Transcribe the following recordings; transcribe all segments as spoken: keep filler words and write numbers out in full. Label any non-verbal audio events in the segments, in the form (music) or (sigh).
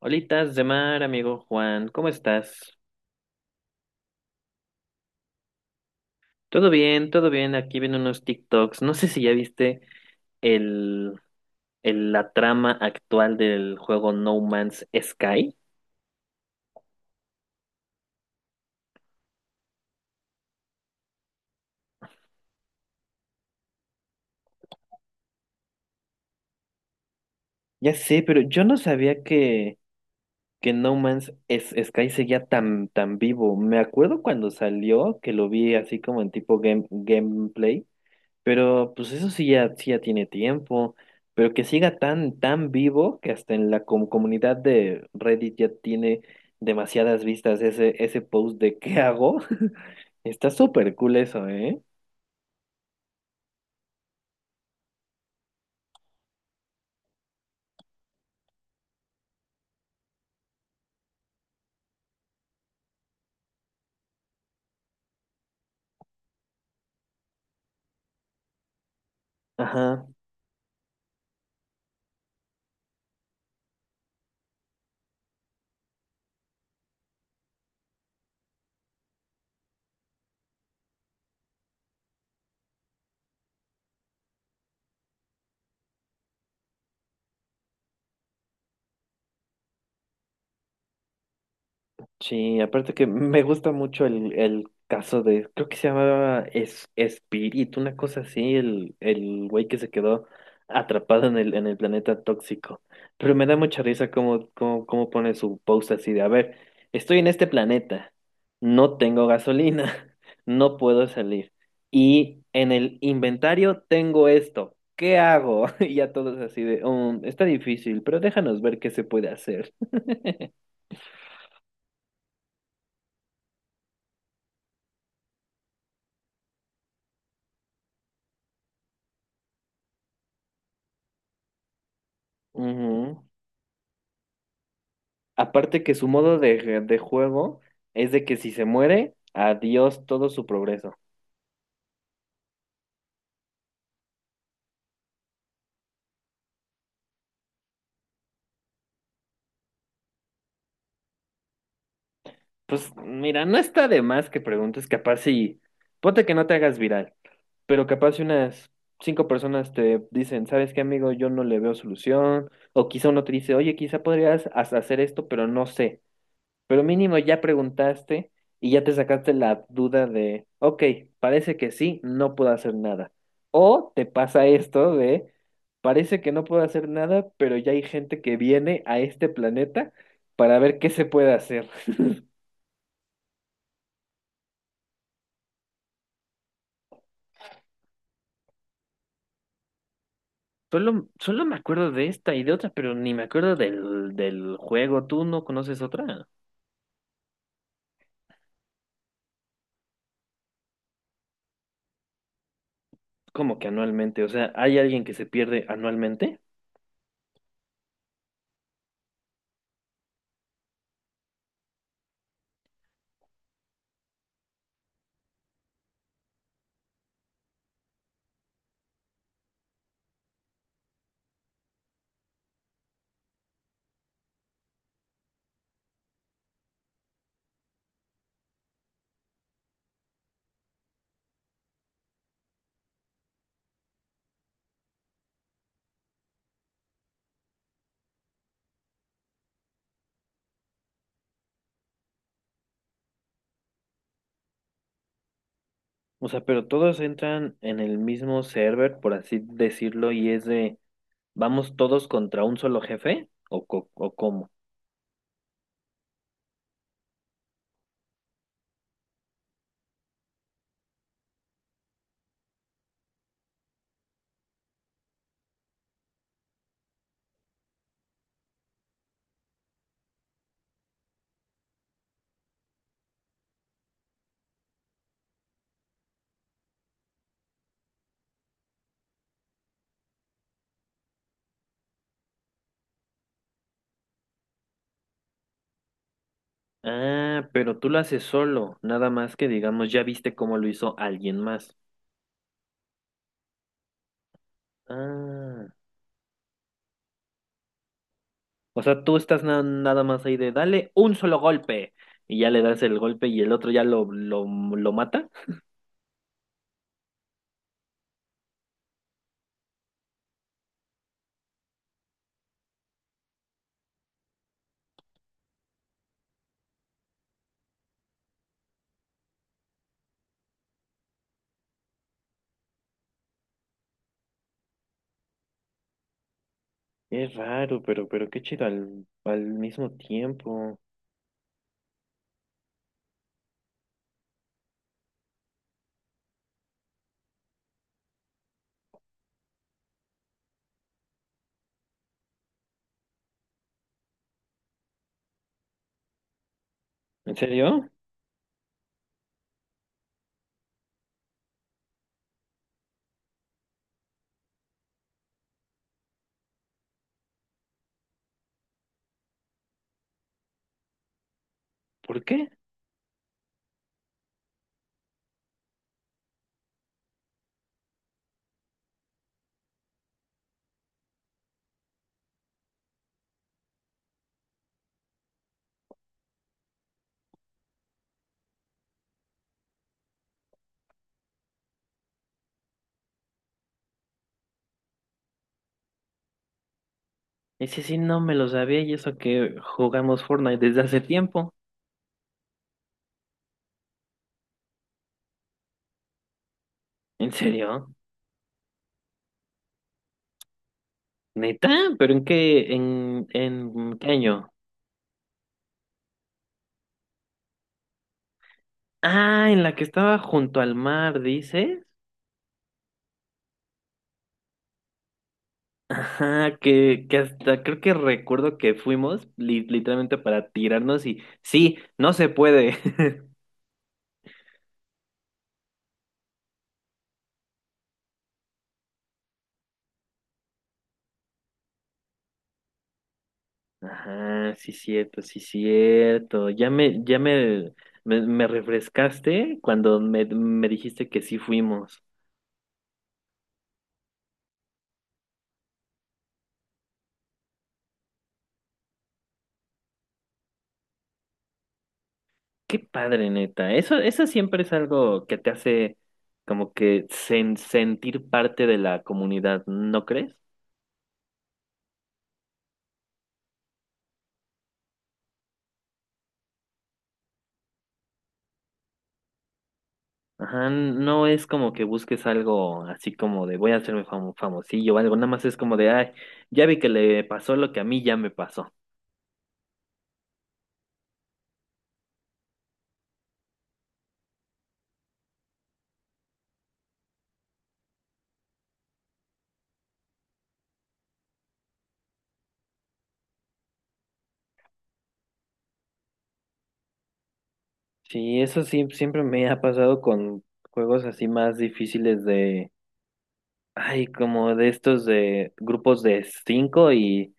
Holitas de mar, amigo Juan, ¿cómo estás? Todo bien, todo bien, aquí viendo unos TikToks. No sé si ya viste el, el- la trama actual del juego No Man's Sky. Ya sé, pero yo no sabía que, que No Man's S- Sky seguía tan, tan vivo. Me acuerdo cuando salió, que lo vi así como en tipo game, gameplay. Pero pues eso sí ya, sí ya tiene tiempo, pero que siga tan, tan vivo, que hasta en la com- comunidad de Reddit ya tiene demasiadas vistas ese, ese post de ¿qué hago? (laughs) Está súper cool eso, ¿eh? Ajá. Sí, aparte que me gusta mucho el, el caso de, creo que se llamaba es, Spirit, una cosa así, el, el güey que se quedó atrapado en el, en el planeta tóxico. Pero me da mucha risa cómo, cómo, cómo pone su post así de, a ver, estoy en este planeta, no tengo gasolina, (laughs) no puedo salir. Y en el inventario tengo esto, ¿qué hago? (laughs) Y ya todos así de, "Um, está difícil, pero déjanos ver qué se puede hacer." (laughs) Ujú. Aparte que su modo de, de juego es de que si se muere, adiós todo su progreso. Pues mira, no está de más que preguntes, capaz si, ponte que no te hagas viral, pero capaz si unas cinco personas te dicen, ¿sabes qué, amigo? Yo no le veo solución, o quizá uno te dice, oye, quizá podrías hasta hacer esto, pero no sé. Pero mínimo ya preguntaste y ya te sacaste la duda de, ok, parece que sí, no puedo hacer nada. O te pasa esto de, parece que no puedo hacer nada, pero ya hay gente que viene a este planeta para ver qué se puede hacer. Solo, solo me acuerdo de esta y de otra, pero ni me acuerdo del, del juego. ¿Tú no conoces otra? ¿Cómo que anualmente? O sea, ¿hay alguien que se pierde anualmente? O sea, pero todos entran en el mismo server, por así decirlo, y es de... ¿Vamos todos contra un solo jefe? ¿O, co- o cómo? Ah, pero tú lo haces solo, nada más que digamos, ya viste cómo lo hizo alguien más. Ah, o sea, tú estás na- nada más ahí de dale un solo golpe y ya le das el golpe y el otro ya lo, lo, lo mata. Es raro, pero, pero qué chido al, al mismo tiempo. ¿En serio? ¿Por qué? Ese sí no me lo sabía, y eso que jugamos Fortnite desde hace tiempo. ¿En serio? ¿Neta? ¿Pero en qué, en, en qué año? Ah, en la que estaba junto al mar, dices. Ajá, que, que hasta creo que recuerdo que fuimos li- literalmente para tirarnos y sí, no se puede. (laughs) Ajá, sí cierto, sí cierto. Ya me, ya me, me, me refrescaste cuando me, me dijiste que sí fuimos. Qué padre, neta. Eso, eso siempre es algo que te hace como que sen- sentir parte de la comunidad, ¿no crees? Ajá, no es como que busques algo así como de voy a hacerme famo- famosillo o algo, nada más es como de, ay, ya vi que le pasó lo que a mí ya me pasó. Sí, eso sí, siempre me ha pasado con juegos así más difíciles de, ay, como de estos de grupos de cinco y...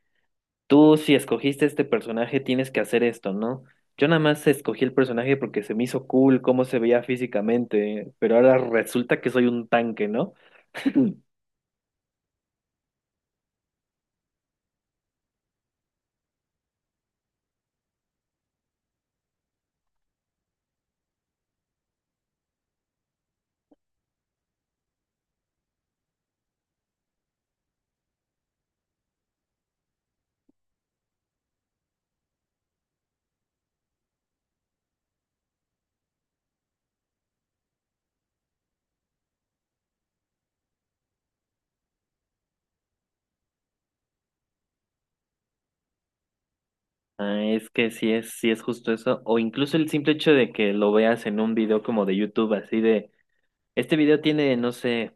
Tú, si escogiste este personaje, tienes que hacer esto, ¿no? Yo nada más escogí el personaje porque se me hizo cool cómo se veía físicamente, pero ahora resulta que soy un tanque, ¿no? Ah, es que sí es, sí es justo eso. O incluso el simple hecho de que lo veas en un video como de YouTube, así de, este video tiene, no sé,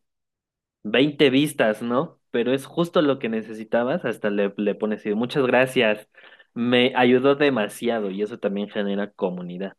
veinte vistas, ¿no? Pero es justo lo que necesitabas, hasta le, le pones, así, muchas gracias, me ayudó demasiado, y eso también genera comunidad.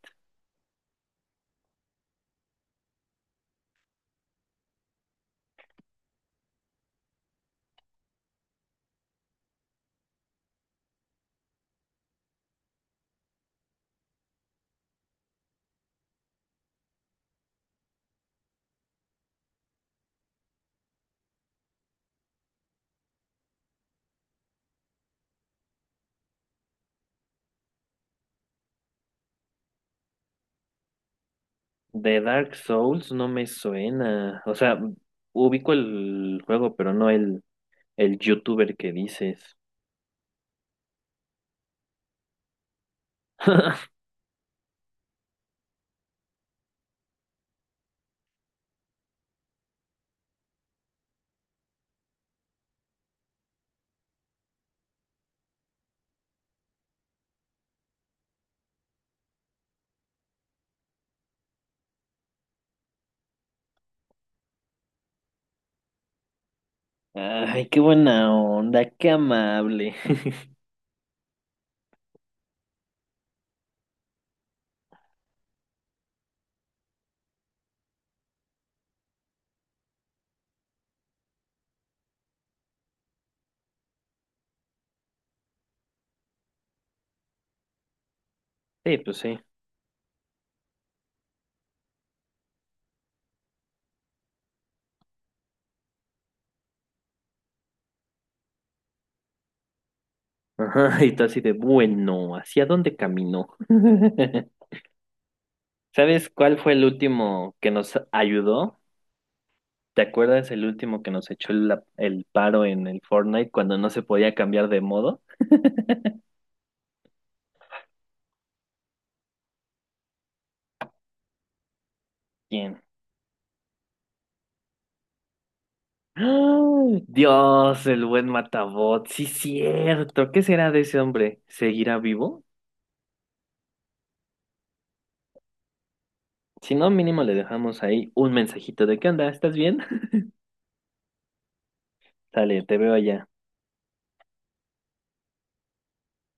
De Dark Souls no me suena. O sea, ubico el juego, pero no el, el youtuber que dices. Ay, qué buena onda, qué amable. (laughs) Sí, pues sí. Ajá, y tú así de bueno, ¿hacia dónde caminó? (laughs) ¿Sabes cuál fue el último que nos ayudó? ¿Te acuerdas el último que nos echó el, el paro en el Fortnite cuando no se podía cambiar de modo? ¿Quién? ¡Ah! Dios, el buen Matabot, sí cierto. ¿Qué será de ese hombre? ¿Seguirá vivo? Si no, mínimo le dejamos ahí un mensajito de ¿qué onda? ¿Estás bien? (laughs) Sale, te veo allá.